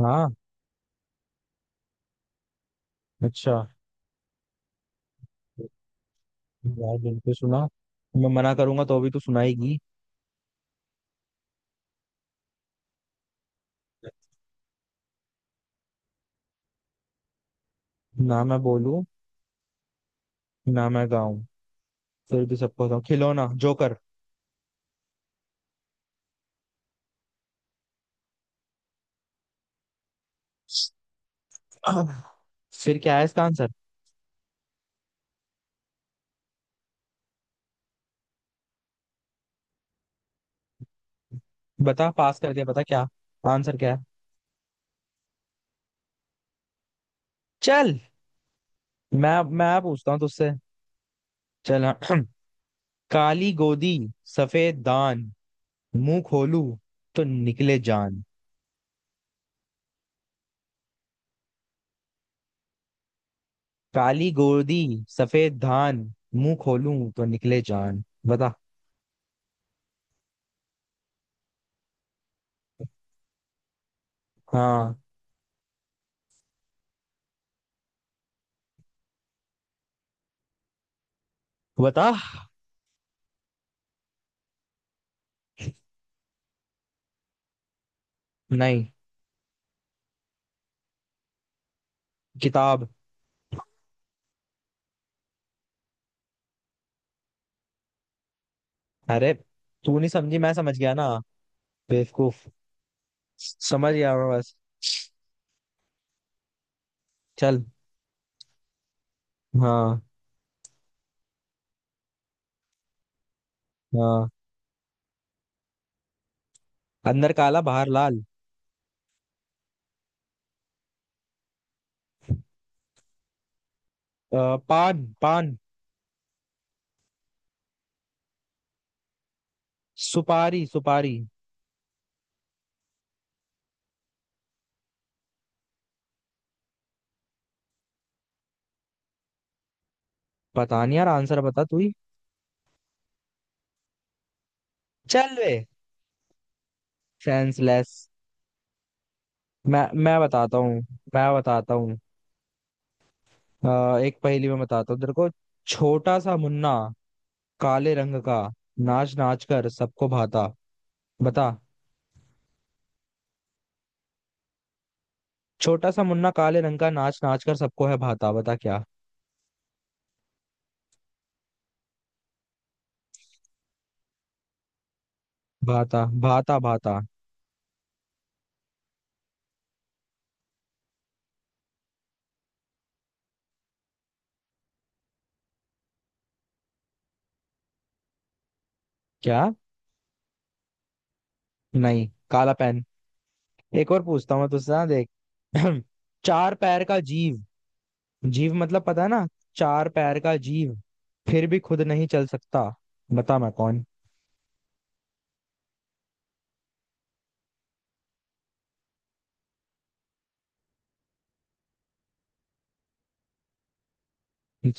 हाँ। अच्छा। यार बिल्कुल सुना। मैं मना करूंगा तो भी तू सुनाएगी। ना मैं बोलूं ना मैं गाऊं फिर भी सबको बताऊं खिलौना जोकर। फिर क्या है इसका आंसर? बता, पास कर दिया, बता क्या। आंसर क्या है? चल मैं पूछता हूँ तुझसे। चल हाँ। काली गोदी सफेद दान मुंह खोलू तो निकले जान। काली गोदी सफेद धान मुंह खोलूं तो निकले जान, बता। हाँ, बता। नहीं, किताब। अरे, तू नहीं समझी, मैं समझ गया ना, बेवकूफ। समझ गया मैं बस। चल। हाँ हाँ। अंदर काला बाहर लाल। पान पान। सुपारी सुपारी। पता नहीं यार, आंसर बता तू ही। चल वे। सेंसलेस। मैं बताता हूँ, मैं बताता हूँ। एक पहेली में बताता हूँ तेरे को। छोटा सा मुन्ना काले रंग का नाच नाच कर सबको भाता, बता। छोटा सा मुन्ना काले रंग का नाच नाच कर सबको है भाता, बता क्या। भाता भाता भाता। क्या? नहीं, काला पेन। एक और पूछता हूँ मैं तुझसे, ना देख। चार पैर का जीव। जीव मतलब पता है ना। चार पैर का जीव फिर भी खुद नहीं चल सकता, बता मैं कौन।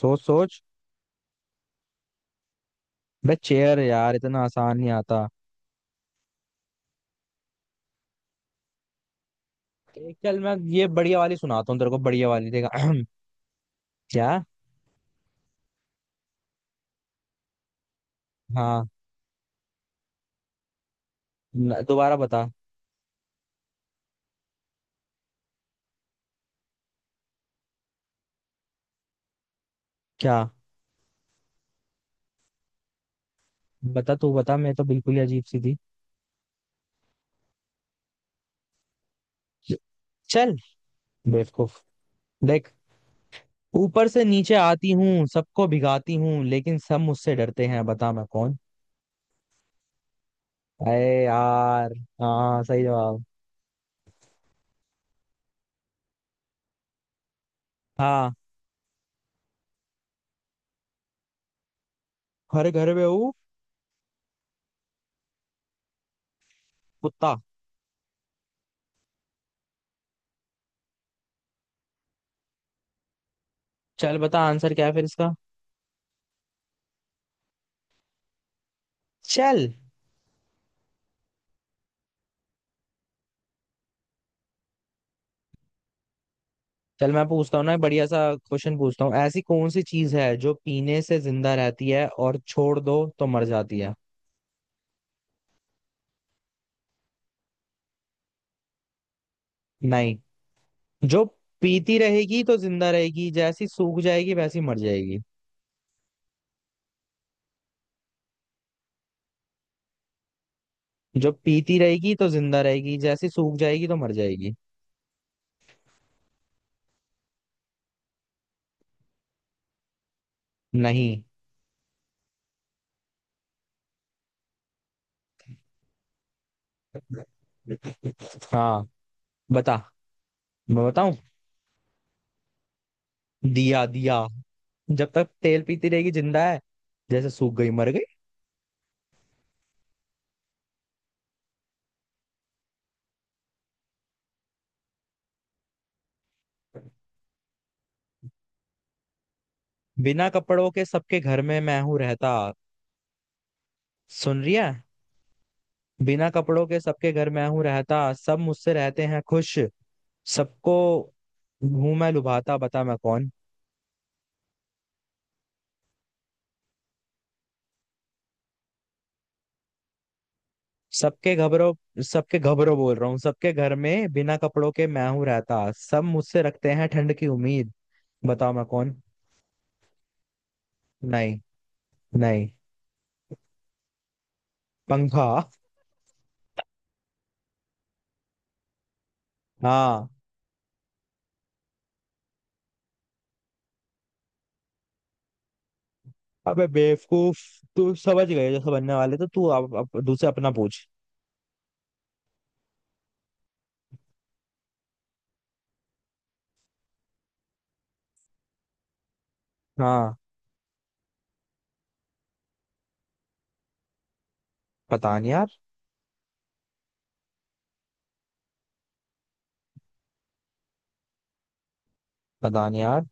सोच सोच। बे चेयर यार, इतना आसान नहीं आता। एक चल मैं ये बढ़िया वाली सुनाता हूँ तेरे को, बढ़िया वाली, देखा। क्या? हाँ। दोबारा बता। क्या? बता तू बता, मैं तो बिल्कुल ही अजीब सी थी। चल बेवकूफ। देख, ऊपर से नीचे आती हूँ सबको भिगाती हूँ लेकिन सब मुझसे डरते हैं, बता मैं कौन। अरे यार। हाँ सही जवाब। हाँ। हर घर में हूँ। कुत्ता। चल बता आंसर क्या है फिर इसका। चल। चल मैं पूछता हूँ ना एक बढ़िया सा क्वेश्चन पूछता हूँ, ऐसी कौन सी चीज है जो पीने से जिंदा रहती है और छोड़ दो तो मर जाती है। नहीं। जो पीती रहेगी तो जिंदा रहेगी, जैसी सूख जाएगी वैसी मर जाएगी। जो पीती रहेगी तो जिंदा रहेगी, जैसी सूख जाएगी तो मर जाएगी। नहीं। हाँ, बता। मैं बताऊं, दिया दिया। जब तक तेल पीती रहेगी जिंदा है, जैसे सूख गई मर गई। बिना कपड़ों के सबके घर में मैं हूं रहता। सुन रही है? बिना कपड़ों के सबके घर मैं हूं रहता, सब मुझसे रहते हैं खुश, सबको हूं मैं लुभाता, बता मैं कौन। सबके घबरो, सबके घबरो बोल रहा हूँ। सबके घर में बिना कपड़ों के मैं हूं रहता, सब मुझसे रखते हैं ठंड की उम्मीद। बताओ मैं कौन। नहीं। नहीं, पंखा। हाँ। अबे बेवकूफ, तू समझ गए जैसे बनने वाले, तो तू अब दूसरे अपना पूछ। हाँ पता नहीं यार। पता नहीं यार।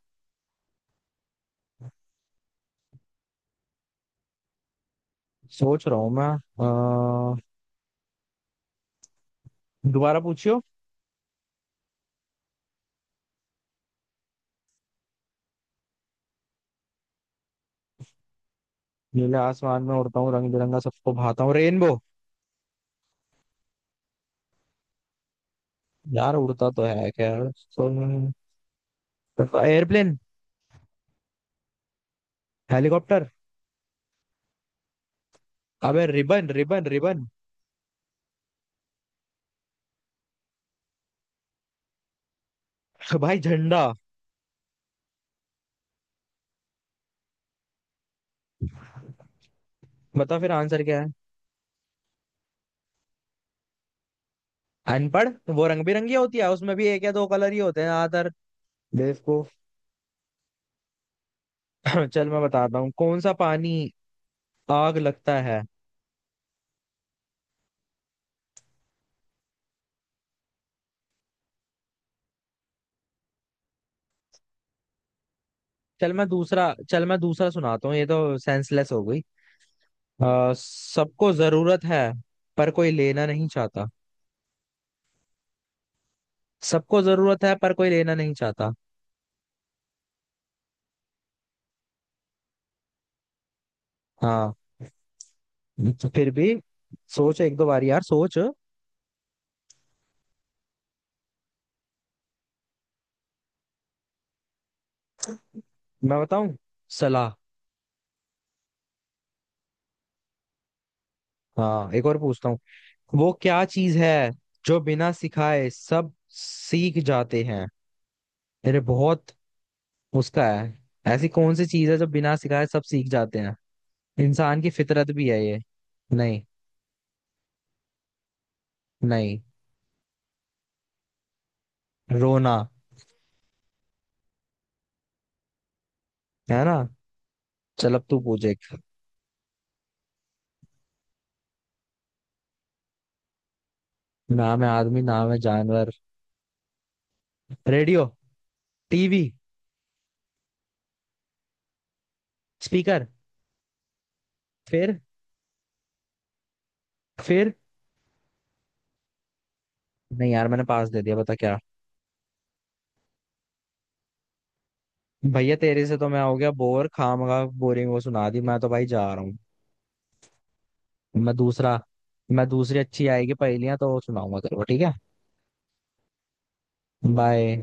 सोच रहा हूँ मैं। अ, दोबारा पूछियो। नीले आसमान में उड़ता हूँ रंग बिरंगा सबको भाता हूँ, रेनबो। यार उड़ता तो है खैर, तो एयरप्लेन। हेलीकॉप्टर। अबे रिबन रिबन रिबन। भाई झंडा। बता फिर आंसर क्या है। अनपढ़। वो रंग बिरंगी होती है उसमें भी एक या दो कलर ही होते हैं ज्यादातर। बेवकूफ। चल मैं बताता हूँ, कौन सा पानी आग लगता है। चल मैं दूसरा, चल मैं दूसरा सुनाता हूँ, ये तो सेंसलेस हो गई। सबको जरूरत है पर कोई लेना नहीं चाहता। सबको जरूरत है पर कोई लेना नहीं चाहता। हाँ। तो फिर भी सोच एक दो बार यार, सोच। मैं बताऊं, सलाह। हाँ एक और पूछता हूँ। वो क्या चीज है जो बिना सिखाए सब सीख जाते हैं, मेरे बहुत उसका है। ऐसी कौन सी चीज है जो बिना सिखाए सब सीख जाते हैं, इंसान की फितरत भी है ये। नहीं। नहीं, रोना। है ना। चल अब तू पूछ एक। नाम है आदमी नाम है जानवर। Radio, TV, speaker. फिर? फिर? नहीं यार, मैंने पास दे दिया, बता क्या। भैया तेरे से तो मैं हो गया बोर, खामगा बोरिंग वो सुना दी, मैं तो भाई जा रहा हूँ। मैं दूसरा, मैं दूसरी अच्छी आएगी पहेलियां तो वो सुनाऊंगा तेरे को, ठीक है। बाय।